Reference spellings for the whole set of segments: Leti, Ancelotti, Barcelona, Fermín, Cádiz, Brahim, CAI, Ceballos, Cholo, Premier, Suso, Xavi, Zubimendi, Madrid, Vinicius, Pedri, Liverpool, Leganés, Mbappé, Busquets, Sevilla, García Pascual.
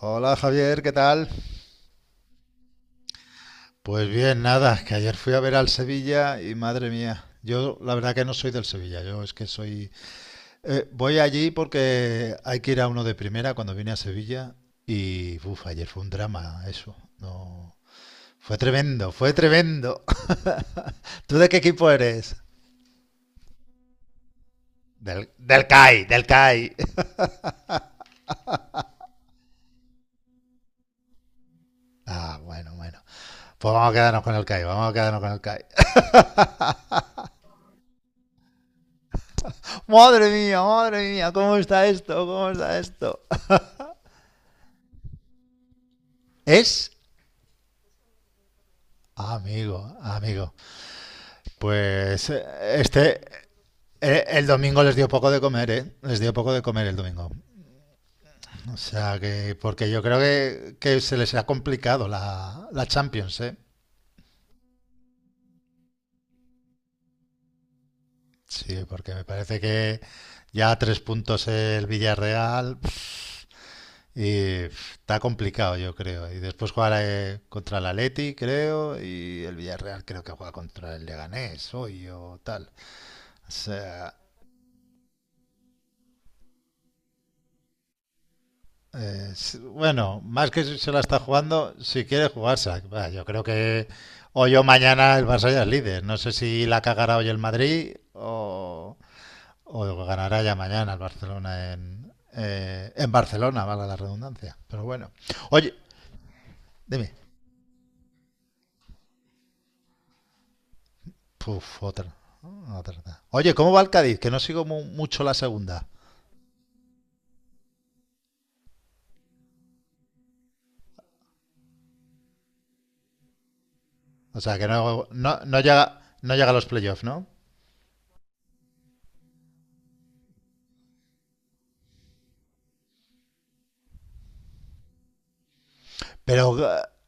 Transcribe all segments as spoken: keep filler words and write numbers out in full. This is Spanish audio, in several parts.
Hola Javier, ¿qué tal? Pues bien, nada, que ayer fui a ver al Sevilla y madre mía, yo la verdad que no soy del Sevilla, yo es que soy... eh, voy allí porque hay que ir a uno de primera cuando vine a Sevilla y uff, ayer fue un drama eso, no... Fue tremendo, fue tremendo. ¿Tú de qué equipo eres? Del, del C A I, del C A I. Ah, bueno, bueno. Pues vamos a quedarnos con el C A I, vamos a quedarnos con el C A I. Madre mía, madre mía, ¿cómo está esto? ¿Cómo está esto? Es. Amigo, amigo. Pues eh, este, eh, el domingo les dio poco de comer, ¿eh? Les dio poco de comer el domingo. O sea que, porque yo creo que, que se les ha complicado la, la Champions, ¿eh? Sí, porque me parece que ya a tres puntos el Villarreal pf, y pf, está complicado, yo creo. Y después jugará eh, contra el Atleti, creo, y el Villarreal creo que juega contra el Leganés hoy o tal. O sea. Eh, s- bueno, más que si se la está jugando, si quiere jugarse. Yo creo que hoy o mañana el Barça ya es líder. No sé si la cagará hoy el Madrid o, o ganará ya mañana el Barcelona en, eh, en Barcelona, valga la redundancia. Pero bueno. Oye, dime. Puf, otra. Otra. Otra. Oye, ¿cómo va el Cádiz? Que no sigo mu- mucho la segunda. O sea, que no, no, no llega, no llega a los playoffs, ¿no? Pero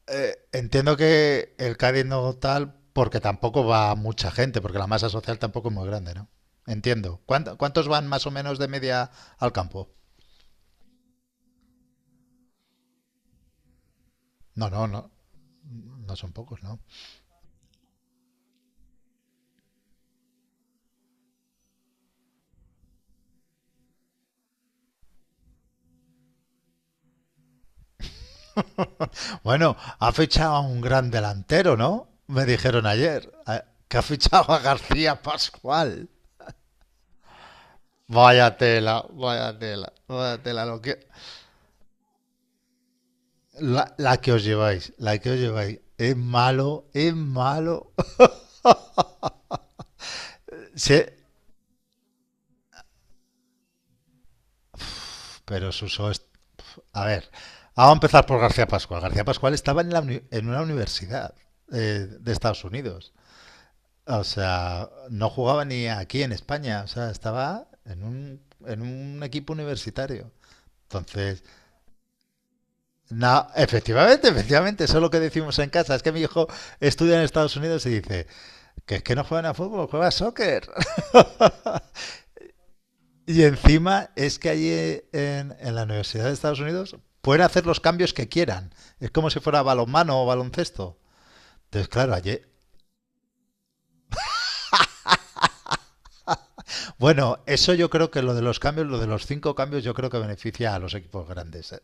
eh, entiendo que el Cádiz no tal porque tampoco va mucha gente, porque la masa social tampoco es muy grande, ¿no? Entiendo. ¿Cuánto- ¿Cuántos van más o menos de media al campo? No, no, no. No son pocos, ¿no? Bueno, ha fichado a un gran delantero, ¿no? Me dijeron ayer. a- Que ha fichado a García Pascual. Vaya tela, vaya tela, vaya tela. Lo que, la, la que os lleváis, la que os lleváis. Es malo, es malo. Sí. Pero Suso es... A ver, vamos a empezar por García Pascual. García Pascual estaba en, la uni- en una universidad eh, de Estados Unidos. O sea, no jugaba ni aquí en España. O sea, estaba en un, en un equipo universitario. Entonces, no, efectivamente, efectivamente, eso es lo que decimos en casa. Es que mi hijo estudia en Estados Unidos y dice que es que no juegan a fútbol, juega a soccer. Y encima es que allí en, en la Universidad de Estados Unidos pueden hacer los cambios que quieran. Es como si fuera balonmano o baloncesto. Entonces, claro, allí... Bueno, eso yo creo que lo de los cambios, lo de los cinco cambios, yo creo que beneficia a los equipos grandes, ¿eh?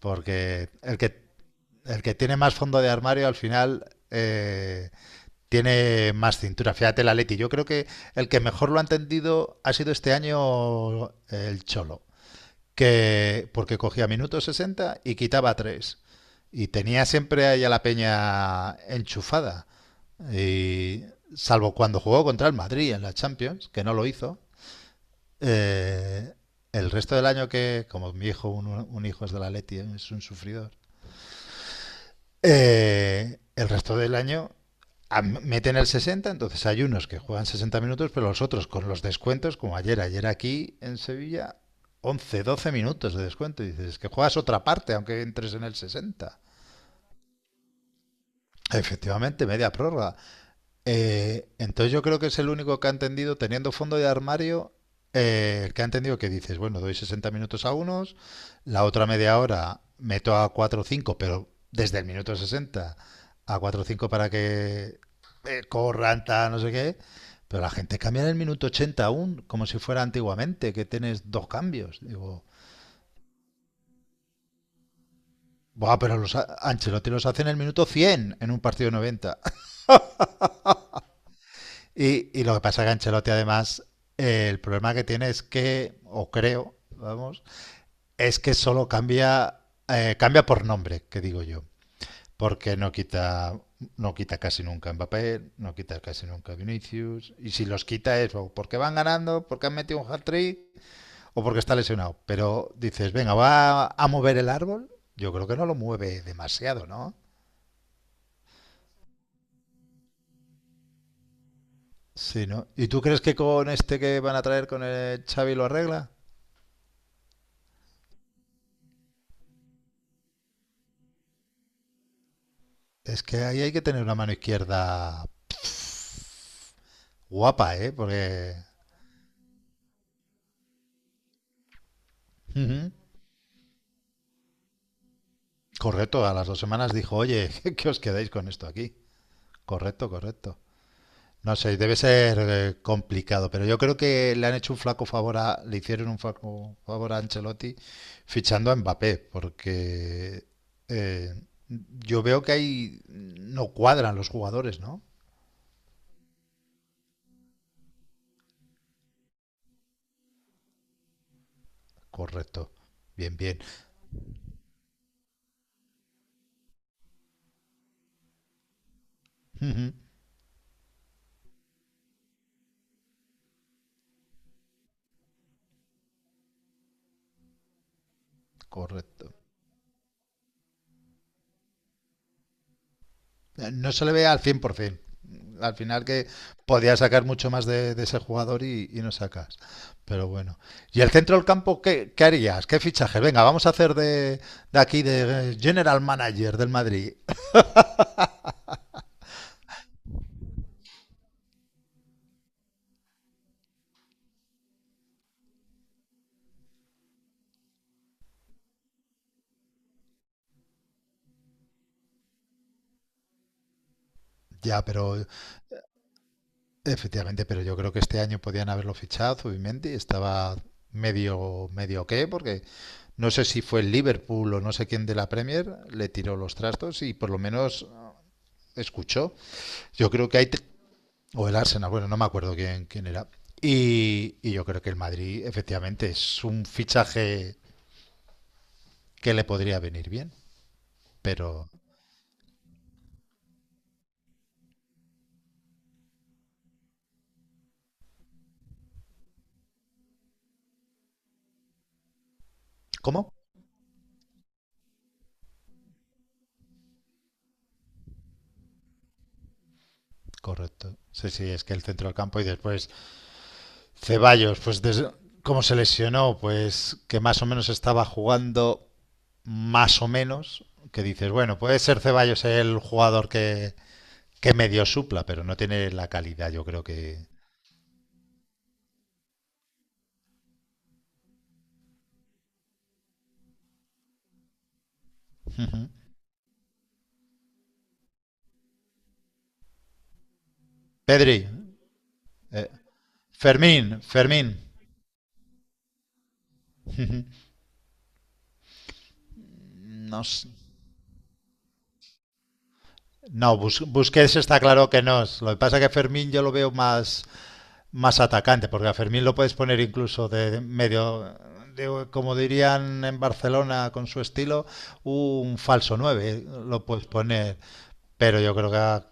Porque el que, el que tiene más fondo de armario al final eh, tiene más cintura. Fíjate el Atleti. Yo creo que el que mejor lo ha entendido ha sido este año el Cholo, que porque cogía minuto sesenta y quitaba tres. Y tenía siempre ahí a la peña enchufada. Y salvo cuando jugó contra el Madrid en la Champions, que no lo hizo, eh, el resto del año que, como mi hijo, un, un hijo es de la Leti, es un sufrido, eh, el resto del año a- meten el sesenta, entonces hay unos que juegan sesenta minutos, pero los otros con los descuentos, como ayer, ayer aquí en Sevilla, once, doce minutos de descuento. Y dices, es que juegas otra parte, aunque entres en el sesenta. Efectivamente, media prórroga. Eh, entonces yo creo que es el único que ha entendido, teniendo fondo de armario, eh, el que ha entendido que dices, bueno, doy sesenta minutos a unos, la otra media hora meto a cuatro o cinco pero desde el minuto sesenta a cuatro o cinco para que eh, corran, tal, no sé qué. Pero la gente cambia en el minuto ochenta aún, como si fuera antiguamente, que tienes dos cambios. Digo, buah, pero los a- Ancelotti los hace en el minuto cien en un partido noventa. Y, y lo que pasa es que Ancelotti, además, eh, el problema que tiene es que, o creo, vamos, es que solo cambia, eh, cambia por nombre, que digo yo. Porque no quita, no quita casi nunca Mbappé, no quita casi nunca Vinicius. Y si los quita es o porque van ganando, porque han metido un hat-trick o porque está lesionado. Pero dices, venga, va a mover el árbol. Yo creo que no lo mueve demasiado, ¿no? Sí, ¿no? ¿Y tú crees que con este que van a traer con el Xavi lo arregla? Es que ahí hay que tener una mano izquierda guapa, ¿eh? Porque... Ujú. Correcto, a las dos semanas dijo, oye, que os quedáis con esto aquí. Correcto, correcto. No sé, debe ser eh, complicado, pero yo creo que le han hecho un flaco favor a, le hicieron un flaco favor a Ancelotti fichando a Mbappé, porque eh, yo veo que ahí no cuadran los jugadores, ¿no? Correcto. Bien, bien. Ujú. Correcto. Eh, No se le ve al cien por ciento. Al final que podías sacar mucho más de, de ese jugador y, y no sacas. Pero bueno. ¿Y el centro del campo qué, qué harías? ¿Qué fichaje? Venga, vamos a hacer de, de aquí de eh, General Manager del Madrid. Ya, pero efectivamente, pero yo creo que este año podían haberlo fichado, Zubimendi. Estaba medio, medio qué, porque no sé si fue el Liverpool o no sé quién de la Premier, le tiró los trastos y por lo menos escuchó. Yo creo que hay. O el Arsenal, bueno, no me acuerdo quién, quién era. Y, y yo creo que el Madrid, efectivamente, es un fichaje que le podría venir bien. Pero, ¿cómo? Correcto. Sí, sí, es que el centro del campo y después Ceballos, pues desde, como se lesionó, pues que más o menos estaba jugando más o menos, que dices, bueno, puede ser Ceballos el jugador que, que medio supla, pero no tiene la calidad, yo creo que... Uh-huh. Pedri, eh, Fermín, Fermín, no sé. No, Bus- Busquets está claro que no. Lo que pasa es que Fermín yo lo veo más, más atacante, porque a Fermín lo puedes poner incluso de medio, de- como dirían en Barcelona con su estilo, un falso nueve eh, lo puedes poner. Pero yo creo que a,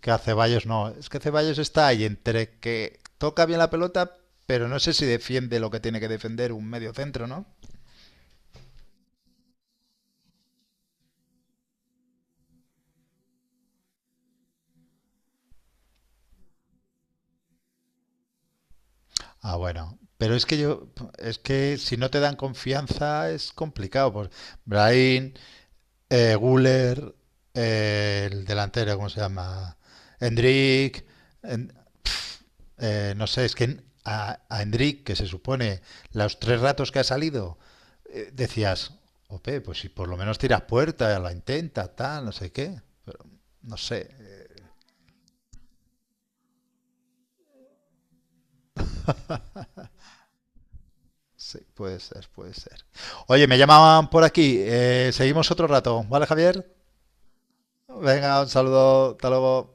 que a Ceballos no. Es que Ceballos está ahí entre que toca bien la pelota, pero no sé si defiende lo que tiene que defender un medio centro, ¿no? Ah, bueno, pero es que yo, es que si no te dan confianza es complicado. Pues Brahim, Eh, Guller, eh, el delantero, ¿cómo se llama? Hendrik. en- pf, eh, no sé, es que en- a, a Hendrik, que se supone los tres ratos que ha salido, eh, decías, ope, pues si por lo menos tiras puerta, la intenta, tal, no sé qué. Pero no sé, eh, sí, puede ser, puede ser. Oye, me llamaban por aquí. Eh, seguimos otro rato, ¿vale, Javier? Venga, un saludo, hasta luego.